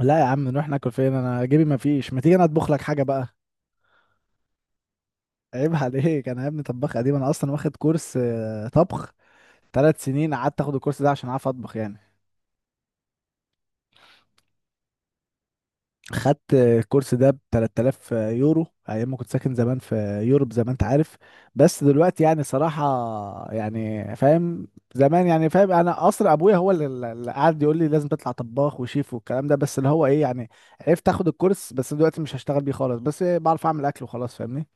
لا يا عم، نروح ناكل فين؟ انا جيبي ما فيش. ما تيجي انا اطبخ لك حاجه بقى. عيب عليك، انا يا ابني طباخ قديم، انا اصلا واخد كورس طبخ. ثلاث سنين قعدت اخد الكورس ده عشان اعرف اطبخ يعني. خدت الكورس ده ب 3,000 يورو ايام ما كنت ساكن زمان في يوروب زي ما انت عارف. بس دلوقتي يعني صراحه، يعني فاهم. زمان يعني فاهم، انا اصلا ابويا هو اللي قعد يقول لي لازم تطلع طباخ وشيف والكلام ده، بس اللي هو ايه يعني، عرفت اخد الكورس. بس دلوقتي مش هشتغل بيه خالص، بس بعرف اعمل اكل وخلاص، فاهمني؟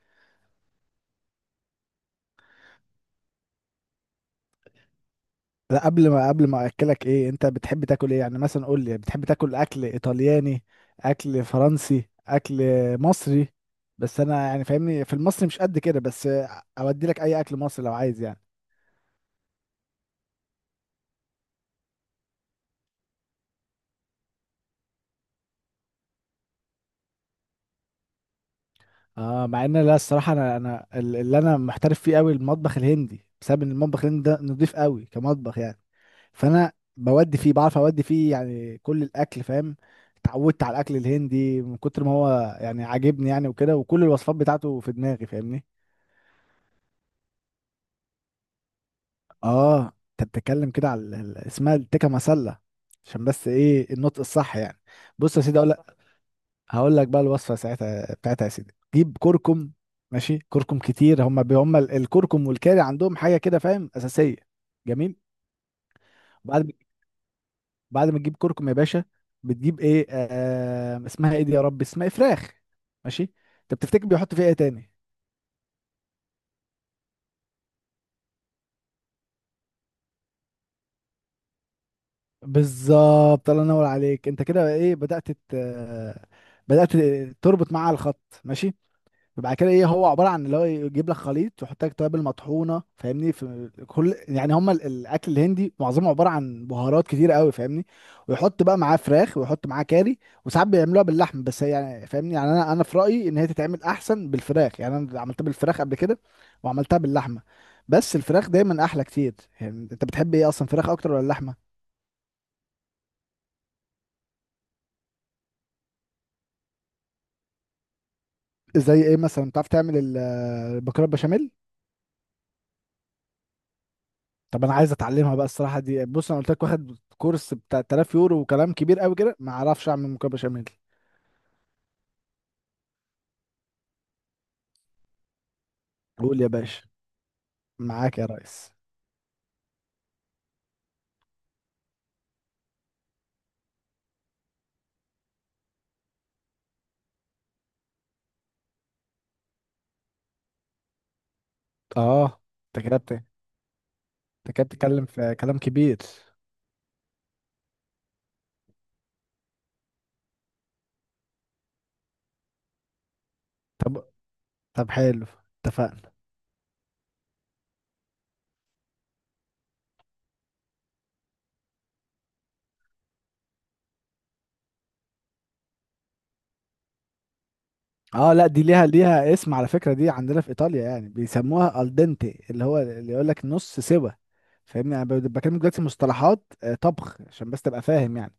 لا، قبل ما اكلك ايه، انت بتحب تاكل ايه يعني؟ مثلا قول لي، بتحب تاكل اكل ايطالياني، اكل فرنسي، اكل مصري؟ بس انا يعني فاهمني في المصري مش قد كده، بس اودي لك اي اكل مصري لو عايز يعني. اه، مع ان لا الصراحه، انا اللي انا محترف فيه قوي المطبخ الهندي، بسبب ان المطبخ الهندي ده نضيف قوي كمطبخ يعني. فانا بودي فيه، بعرف اودي فيه يعني كل الاكل فاهم. اتعودت على الاكل الهندي من كتر ما هو يعني عاجبني يعني، وكده، وكل الوصفات بتاعته في دماغي فاهمني. اه، انت بتتكلم كده على اسمها التكه مسله، عشان بس ايه النطق الصح يعني. بص يا سيدي اقول لك. هقول لك بقى الوصفه ساعتها بتاعتها، يا سيدي جيب كركم. ماشي، كركم كتير، هم الكركم والكاري عندهم حاجه كده فاهم اساسيه، جميل. بعد ما- بعد ما تجيب كركم يا باشا، بتجيب ايه، آه اسمها ايه دي، يا رب اسمها إيه؟ فراخ، ماشي. انت بتفتكر بيحط فيها ايه تاني؟ بالظبط، الله ينور عليك، انت كده ايه، بدأت تربط معاها الخط، ماشي. بعد كده ايه، هو عباره عن اللي هو يجيب لك خليط ويحط لك توابل مطحونه فاهمني، في كل يعني، هم الاكل الهندي معظمه عباره عن بهارات كتير قوي فاهمني. ويحط بقى معاه فراخ، ويحط معاه كاري. وساعات بيعملوها باللحم، بس هي يعني فاهمني يعني، انا انا في رايي ان هي تتعمل احسن بالفراخ يعني. انا عملتها بالفراخ قبل كده، وعملتها باللحمه، بس الفراخ دايما احلى كتير يعني. انت بتحب ايه اصلا، فراخ اكتر ولا اللحمه؟ زي ايه مثلا، بتعرف تعمل البكره بشاميل؟ طب انا عايز اتعلمها بقى الصراحه دي. بص، انا قلت لك واخد كورس ب 3,000 يورو وكلام كبير قوي كده، ما اعرفش اعمل مكرونه بشاميل. قول يا باشا. معاك يا ريس. اه، انت كده بتتكلم في كلام كبير. طب طب حلو. اتفقنا. اه لا، دي ليها ليها اسم على فكره، دي عندنا في ايطاليا يعني بيسموها الدنتي، اللي هو اللي يقول لك نص سوا. فاهمني، انا بكلمك دلوقتي مصطلحات طبخ عشان بس تبقى فاهم يعني.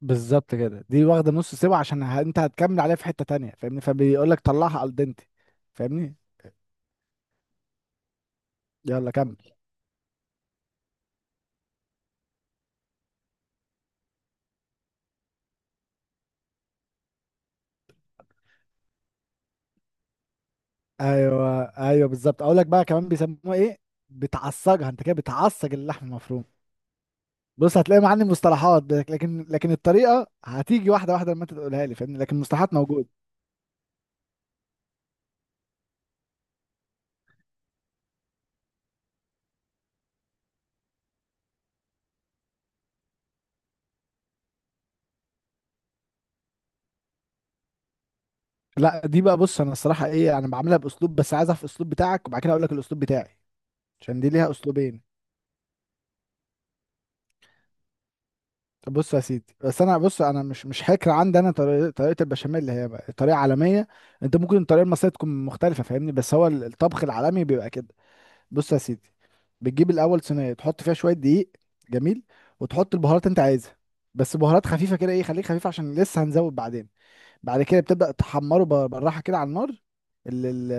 بالظبط كده، دي واخده نص سوا عشان ه... انت هتكمل عليها في حته تانية فاهمني، فبيقول لك طلعها الدنتي، فاهمني. يلا كمل. ايوه ايوه بالظبط، اقول لك بقى كمان بيسموها ايه، بتعصجها، انت كده بتعصج اللحم المفروم. بص، هتلاقي معاني مصطلحات لكن الطريقه هتيجي واحده واحده لما انت تقولها لي فاهمني، لكن المصطلحات موجود. لا دي بقى، بص انا الصراحه ايه، انا بعملها باسلوب، بس عايزها في الاسلوب بتاعك، وبعد كده اقول لك الاسلوب بتاعي، عشان دي ليها اسلوبين. طب بص يا سيدي، بس انا بص، انا مش هكر، عندي انا طريقه البشاميل اللي هي بقى طريقه عالميه. انت ممكن الطريقه المصريه تكون مختلفه فاهمني، بس هو الطبخ العالمي بيبقى كده. بص يا سيدي، بتجيب الاول صينيه تحط فيها شويه دقيق، جميل. وتحط البهارات انت عايزها، بس بهارات خفيفه كده، ايه خليك خفيف عشان لسه هنزود بعدين. بعد كده بتبدأ تحمره بالراحة كده على النار. ال- ال-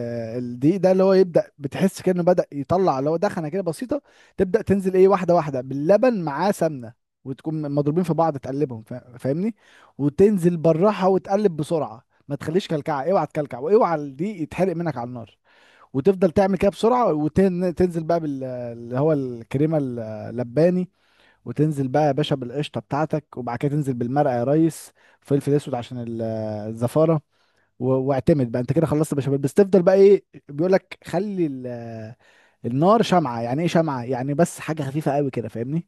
الدقيق ده اللي هو يبدأ بتحس كأنه بدأ يطلع، اللي هو دخنة كده بسيطة. تبدأ تنزل ايه، واحدة واحدة، باللبن معاه سمنة، وتكون مضروبين في بعض تقلبهم فاهمني. وتنزل بالراحة وتقلب بسرعة، ما تخليش كلكعة، اوعى تكلكع، واوعى الدقيق يتحرق منك على النار. وتفضل تعمل كده بسرعة، وتنزل بقى بال، اللي هو الكريمة اللباني. وتنزل بقى يا باشا بالقشطه بتاعتك، وبعد كده تنزل بالمرقه يا ريس. فلفل اسود عشان الزفاره. واعتمد بقى، انت كده خلصت بشاميل، بس تفضل بقى ايه بيقول لك خلي النار شمعه، يعني ايه شمعه يعني، بس حاجه خفيفه قوي كده فاهمني.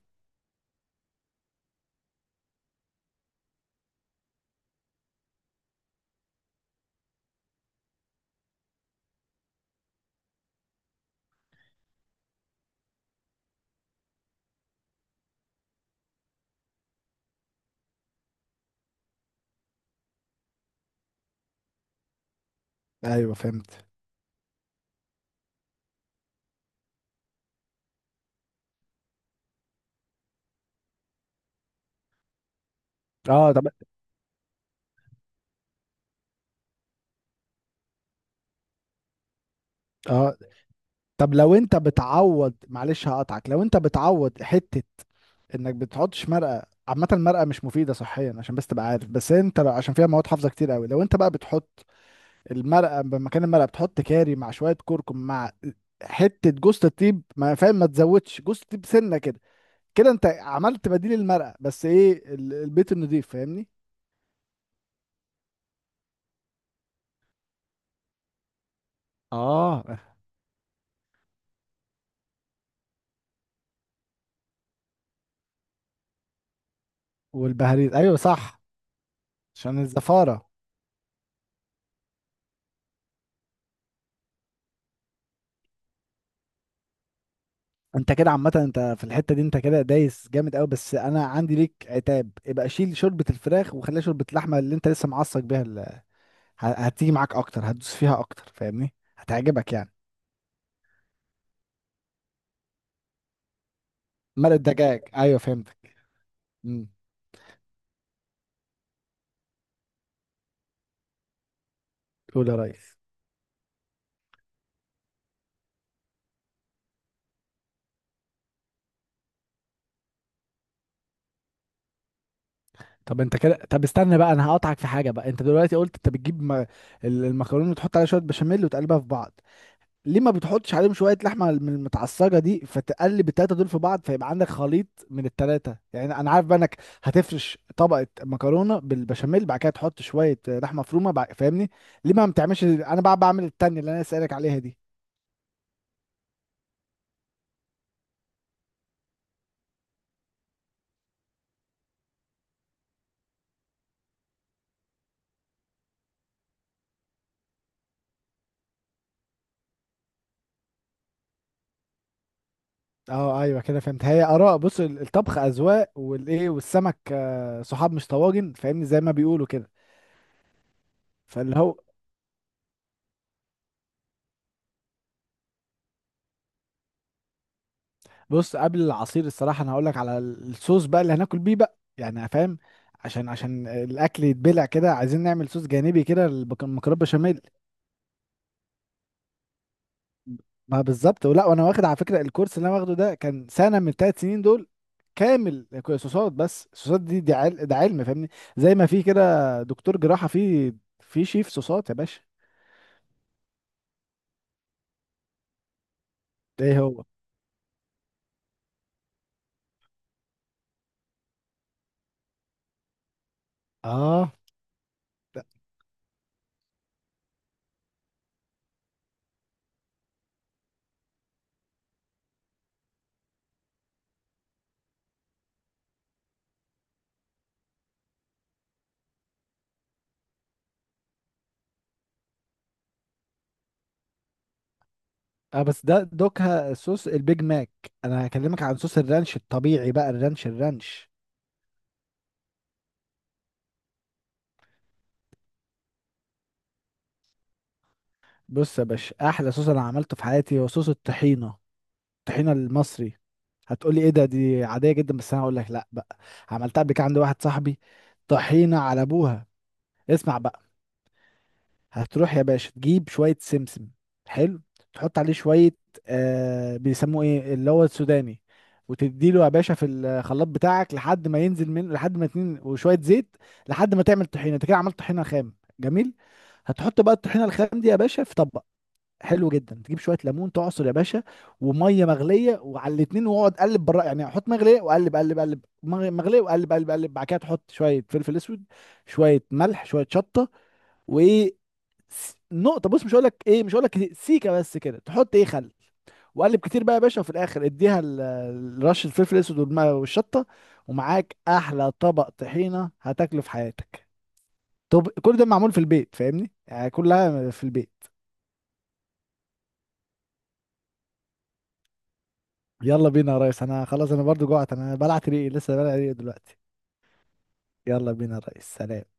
ايوه فهمت. اه طب. اه طب، لو انت بتعوض معلش هقطعك، لو انت بتعوض حته انك بتحطش مرقه، عامه المرقه مش مفيده صحيا عشان بس تبقى عارف، بس انت لو، عشان فيها مواد حافظه كتير قوي. لو انت بقى بتحط المرقه، مكان المرقه بتحط كاري مع شويه كركم، مع حته جوز الطيب، ما فاهم، ما تزودش جوز الطيب سنه كده. كده انت عملت بديل المرقه، بس ايه البيت النضيف فاهمني. اه والبهاريز، ايوه صح. عشان الزفاره. انت كده عامه انت في الحته دي انت كده دايس جامد قوي، بس انا عندي ليك عتاب، يبقى شيل شوربه الفراخ وخليها شوربه اللحمه اللي انت لسه معصق بيها هتيجي معاك اكتر، هتدوس فيها اكتر فاهمني، هتعجبك يعني. مرق الدجاج، ايوه فهمتك. امم. قول يا ريس. طب انت كده، طب استنى بقى، انا هقطعك في حاجه بقى، انت دلوقتي قلت انت بتجيب المكرونه وتحط عليها شويه بشاميل وتقلبها في بعض، ليه ما بتحطش عليهم شويه لحمه من المتعصجه دي، فتقلب التلاته دول في بعض، فيبقى عندك خليط من التلاته يعني. انا عارف بقى انك هتفرش طبقه مكرونه بالبشاميل، بعد كده تحط شويه لحمه مفرومه فاهمني، ليه ما بتعملش انا بقى بعمل التانية اللي انا سألك عليها دي؟ اه ايوه كده فهمت، هي اراء، بص الطبخ اذواق، والايه والسمك صحاب مش طواجن فاهمني، زي ما بيقولوا كده. فاللي هو، بص قبل العصير، الصراحة أنا هقولك على الصوص بقى اللي هناكل بيه بقى يعني فاهم، عشان الأكل يتبلع كده، عايزين نعمل صوص جانبي كده للمكرونة بشاميل. ما بالظبط، ولا وأنا واخد على فكرة الكورس اللي أنا واخده ده كان سنة من التلات سنين دول كامل صوصات، بس الصوصات دي ده علم فاهمني. زي ما في كده دكتور جراحة، في في شيف صوصات يا باشا. ايه هو؟ اه، ده- اه بس ده دوكها صوص البيج ماك. انا هكلمك عن صوص الرانش الطبيعي بقى، الرانش الرانش. بص يا باشا، احلى صوص انا عملته في حياتي هو صوص الطحينه، الطحينه المصري. هتقولي ايه ده، دي عاديه جدا، بس انا هقول لك لا بقى، عملتها قبل كده عند واحد صاحبي، طحينه على ابوها. اسمع بقى، هتروح يا باشا تجيب شويه سمسم، حلو. تحط عليه شويه آه بيسموه ايه، اللي هو السوداني، وتديله يا باشا في الخلاط بتاعك لحد ما ينزل منه، لحد ما اتنين وشويه زيت، لحد ما تعمل طحينه. انت كده عملت طحينه خام جميل. هتحط بقى الطحينه الخام دي يا باشا في طبق، حلو جدا. تجيب شويه ليمون تعصر يا باشا، وميه مغليه، وعلى الاتنين واقعد قلب بره يعني، حط مغليه وقلب قلب قلب، مغليه وقلب قلب قلب. بعد كده تحط شويه فلفل اسود، شويه ملح، شويه شطه، وايه نقطه، بص مش هقول لك ايه، مش هقول لك سيكه، بس كده تحط ايه خل. وقلب كتير بقى يا باشا، وفي الاخر اديها رشه الفلفل الاسود والشطه، ومعاك احلى طبق طحينه هتاكله في حياتك. طب كل ده معمول في البيت فاهمني، يعني كلها في البيت. يلا بينا يا ريس، انا خلاص، انا برضو جوعت، انا بلعت ريقي، لسه بلعت ريقي دلوقتي. يلا بينا يا ريس، سلام.